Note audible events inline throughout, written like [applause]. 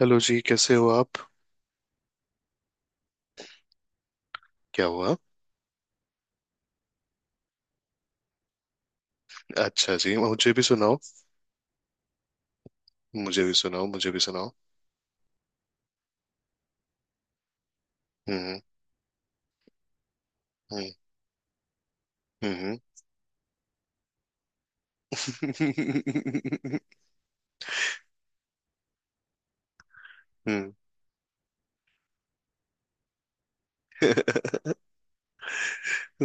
Hello जी, कैसे हो आप? क्या हुआ? अच्छा जी, मुझे भी सुनाओ, मुझे भी सुनाओ, मुझे भी सुनाओ। हम्म। हम्म। हम्म। हम्म। [laughs]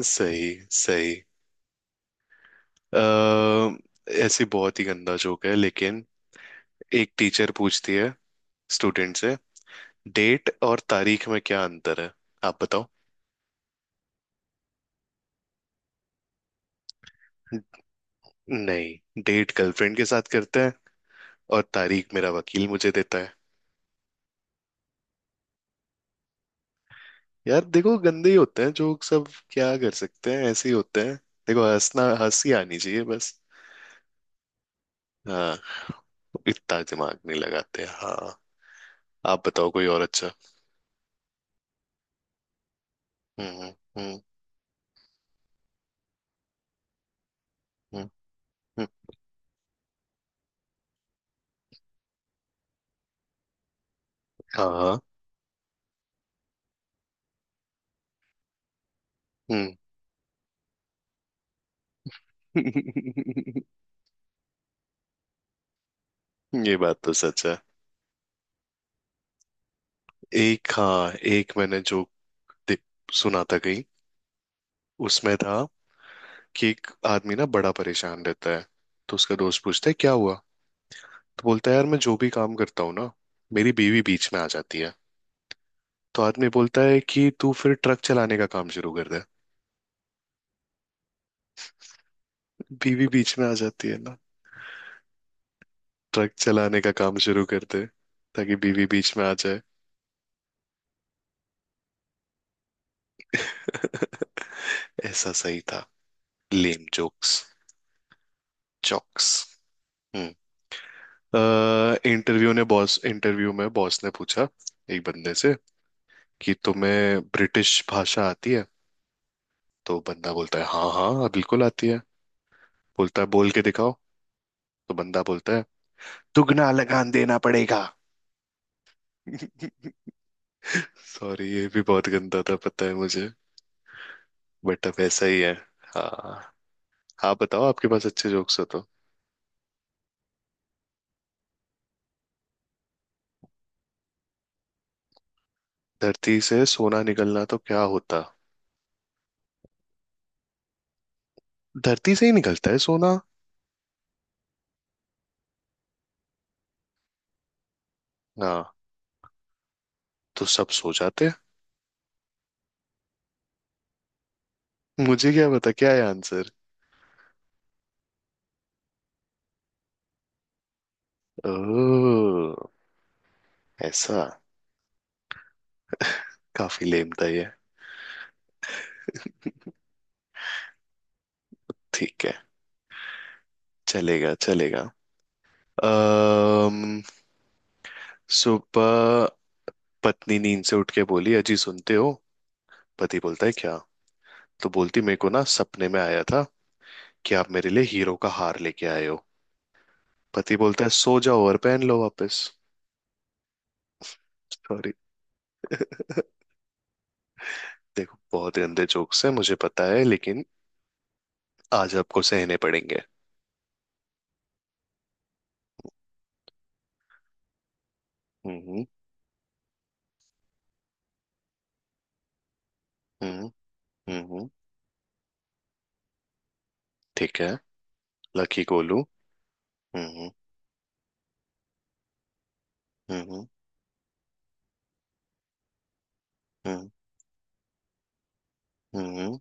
सही सही। अः ऐसी बहुत ही गंदा जोक है, लेकिन एक टीचर पूछती है स्टूडेंट से, डेट और तारीख में क्या अंतर है, आप बताओ। नहीं, डेट गर्लफ्रेंड के साथ करते हैं और तारीख मेरा वकील मुझे देता है। यार देखो, गंदे ही होते हैं जोक सब। क्या कर सकते हैं, ऐसे ही होते हैं। देखो, हंसना हंसी आनी चाहिए बस। हाँ, इतना दिमाग नहीं लगाते, हाँ। आप बताओ कोई और अच्छा। हम्म। हम्म। हम्म। हम्म, हाँ। हम्म। [laughs] ये बात तो सच है। एक मैंने जो दे- सुना था कहीं, उसमें था कि एक आदमी ना बड़ा परेशान रहता है। तो उसका दोस्त पूछता है क्या हुआ, तो बोलता है यार मैं जो भी काम करता हूँ ना, मेरी बीवी बीच में आ जाती है। तो आदमी बोलता है कि तू फिर ट्रक चलाने का काम शुरू कर दे। बीवी बीच में आ जाती है ना, ट्रक चलाने का काम शुरू कर दे, ताकि बीवी बीच में आ जाए। [laughs] ऐसा सही था। Lame jokes, jokes. हम्म। इंटरव्यू में बॉस ने पूछा एक बंदे से कि तुम्हें ब्रिटिश भाषा आती है। तो बंदा बोलता है हाँ हाँ हाँ, बिल्कुल आती है। बोलता है बोल के दिखाओ। तो बंदा बोलता है दुगना लगान देना पड़ेगा। [laughs] सॉरी, ये भी बहुत गंदा था, पता है मुझे। बेटअप ऐसा ही है। हाँ। आप बताओ, आपके पास अच्छे जोक्स हो तो। धरती से सोना निकलना तो क्या होता? धरती से ही निकलता है सोना। हाँ, तो सब सो जाते। मुझे क्या पता क्या है आंसर। ओह, ऐसा। काफी लेम था ये। ठीक है, चलेगा चलेगा। अम्म सुबह पत्नी नींद से उठ के बोली, अजी सुनते हो। पति बोलता है क्या। तो बोलती मेरे को ना सपने में आया था कि आप मेरे लिए हीरो का हार लेके आए हो। पति बोलता है सो जाओ और पहन लो वापस। सॉरी। [laughs] देखो, बहुत गंदे जोक्स हैं मुझे पता है, लेकिन आज आपको सहने पड़ेंगे। हम्म। हम्म। हम्म। ठीक है। लकी गोलू। हम्म। हम्म। हम्म। हम्म।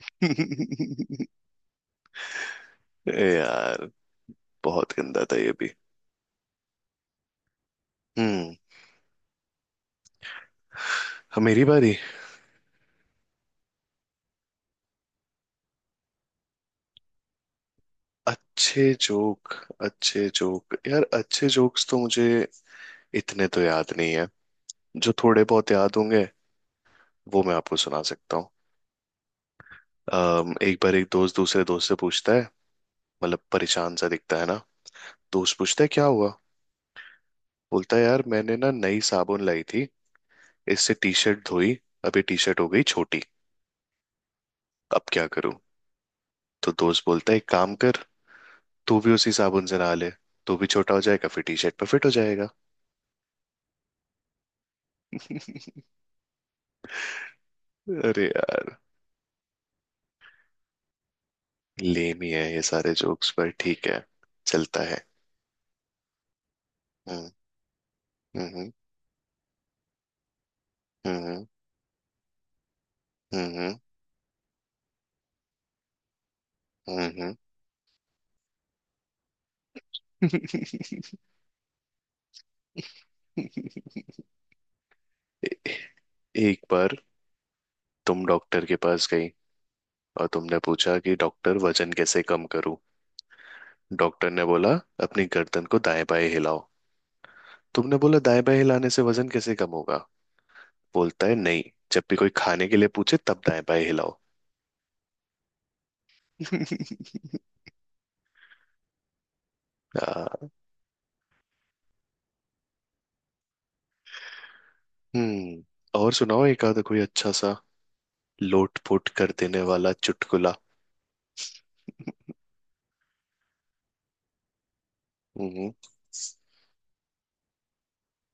[laughs] ए यार, बहुत गंदा था ये भी। हम्म। हाँ, मेरी बारी। अच्छे जोक, अच्छे जोक यार, अच्छे जोक्स तो मुझे इतने तो याद नहीं है। जो थोड़े बहुत याद होंगे, वो मैं आपको सुना सकता हूँ। एक बार एक दोस्त दूसरे दोस्त से पूछता है, मतलब परेशान सा दिखता है ना। दोस्त पूछता है क्या हुआ। बोलता है यार मैंने ना नई साबुन लाई थी, इससे टी शर्ट धोई, अभी टी शर्ट हो गई छोटी, अब क्या करूं। तो दोस्त बोलता है एक काम कर, तू भी उसी साबुन से नहा ले, तू भी छोटा हो जाएगा, फिर टी शर्ट पर फिट हो जाएगा। [laughs] अरे यार, लेम ही है ये सारे जोक्स, पर ठीक है, चलता है। हम्म। हम्म। हम्म। हम्म। हम्म। हम्म। [laughs] ए- एक बार तुम डॉक्टर के पास गई और तुमने पूछा कि डॉक्टर वजन कैसे कम करूं। डॉक्टर ने बोला अपनी गर्दन को दाएं बाएं हिलाओ। तुमने बोला दाएं बाएं हिलाने से वजन कैसे कम होगा। बोलता है नहीं, जब भी कोई खाने के लिए पूछे तब दाएं बाएं हिलाओ। [laughs] आ, हम्म। और सुनाओ एक आधा कोई अच्छा सा लोट पोट कर देने वाला चुटकुला। हम्म।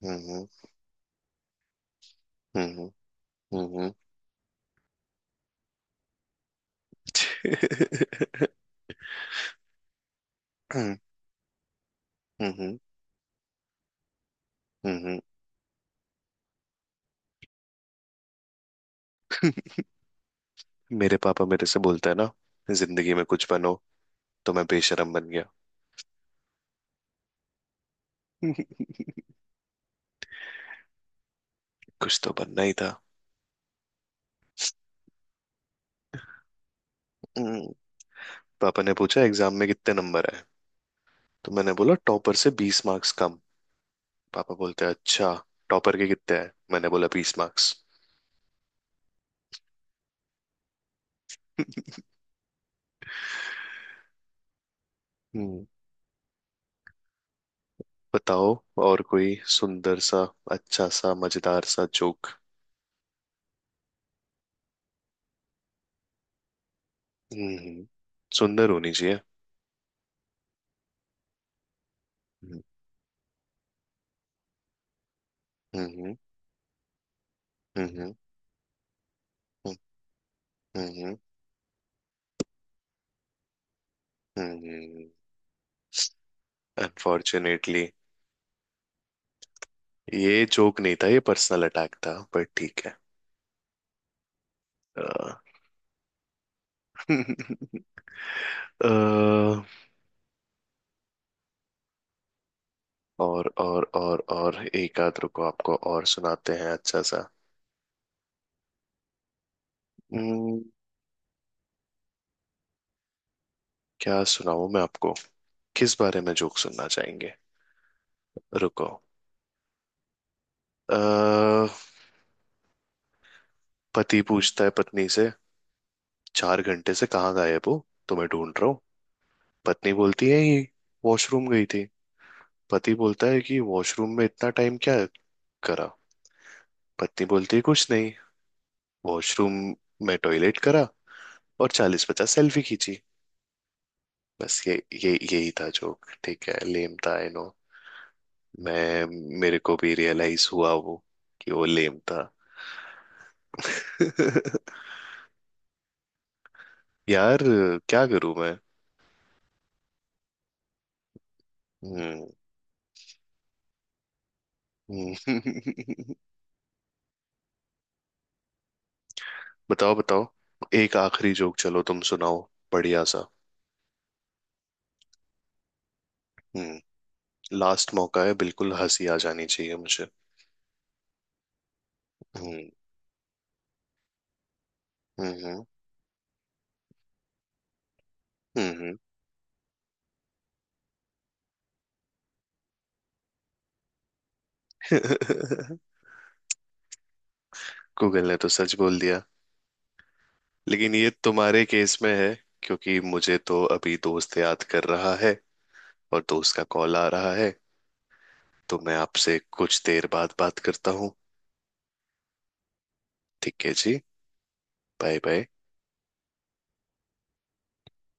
हम्म। हम्म। हम्म। हम्म। [laughs] हम्म, हम्म, हम्म। मेरे पापा मेरे से बोलता है ना, जिंदगी में कुछ बनो। तो मैं बेशरम बन गया। [laughs] कुछ तो बनना ही था। हम्म, पापा ने पूछा एग्जाम में कितने नंबर आए। तो मैंने बोला टॉपर से 20 मार्क्स कम। पापा बोलते हैं अच्छा, टॉपर के कितने आए। मैंने बोला 20 मार्क्स। [laughs] हम्म। बताओ और कोई सुंदर सा अच्छा सा मजेदार सा जोक। हम्म। सुंदर होनी चाहिए। हम्म। हम्म। हम्म। हम्म। हम्म। अनफॉर्चुनेटली। ये जोक नहीं था, ये पर्सनल अटैक था, पर ठीक है। अ, [laughs] अ, और एक आध, रुको आपको और सुनाते हैं अच्छा सा। हम्म, क्या सुनाऊं मैं आपको? किस बारे में जोक सुनना चाहेंगे? रुको। अ, पति पूछता है पत्नी से, चार घंटे से कहाँ गायब हो? तुम्हें ढूंढ रहा हूँ। पत्नी बोलती है ये वॉशरूम गई थी। पति बोलता है कि वॉशरूम में इतना टाइम क्या करा? पत्नी बोलती है कुछ नहीं, वॉशरूम में टॉयलेट करा और 40-50 सेल्फी खींची। बस ये यही था जोक, ठीक है, लेम था आई नो। मैं मेरे को भी रियलाइज हुआ वो, कि वो लेम था। [laughs] यार, क्या करूं मैं? हम्म। हम्म। [laughs] बताओ बताओ, एक आखिरी जोक, चलो तुम सुनाओ बढ़िया सा। हम्म। लास्ट मौका है, बिल्कुल हंसी आ जानी चाहिए मुझे। हम्म। हम्म। हम्म। हम्म। [laughs] गूगल ने तो सच बोल दिया, लेकिन ये तुम्हारे केस में है, क्योंकि मुझे तो अभी दोस्त याद कर रहा है और दोस्त का कॉल आ रहा है, तो मैं आपसे कुछ देर बाद बात करता हूँ। ठीक है जी, बाय बाय।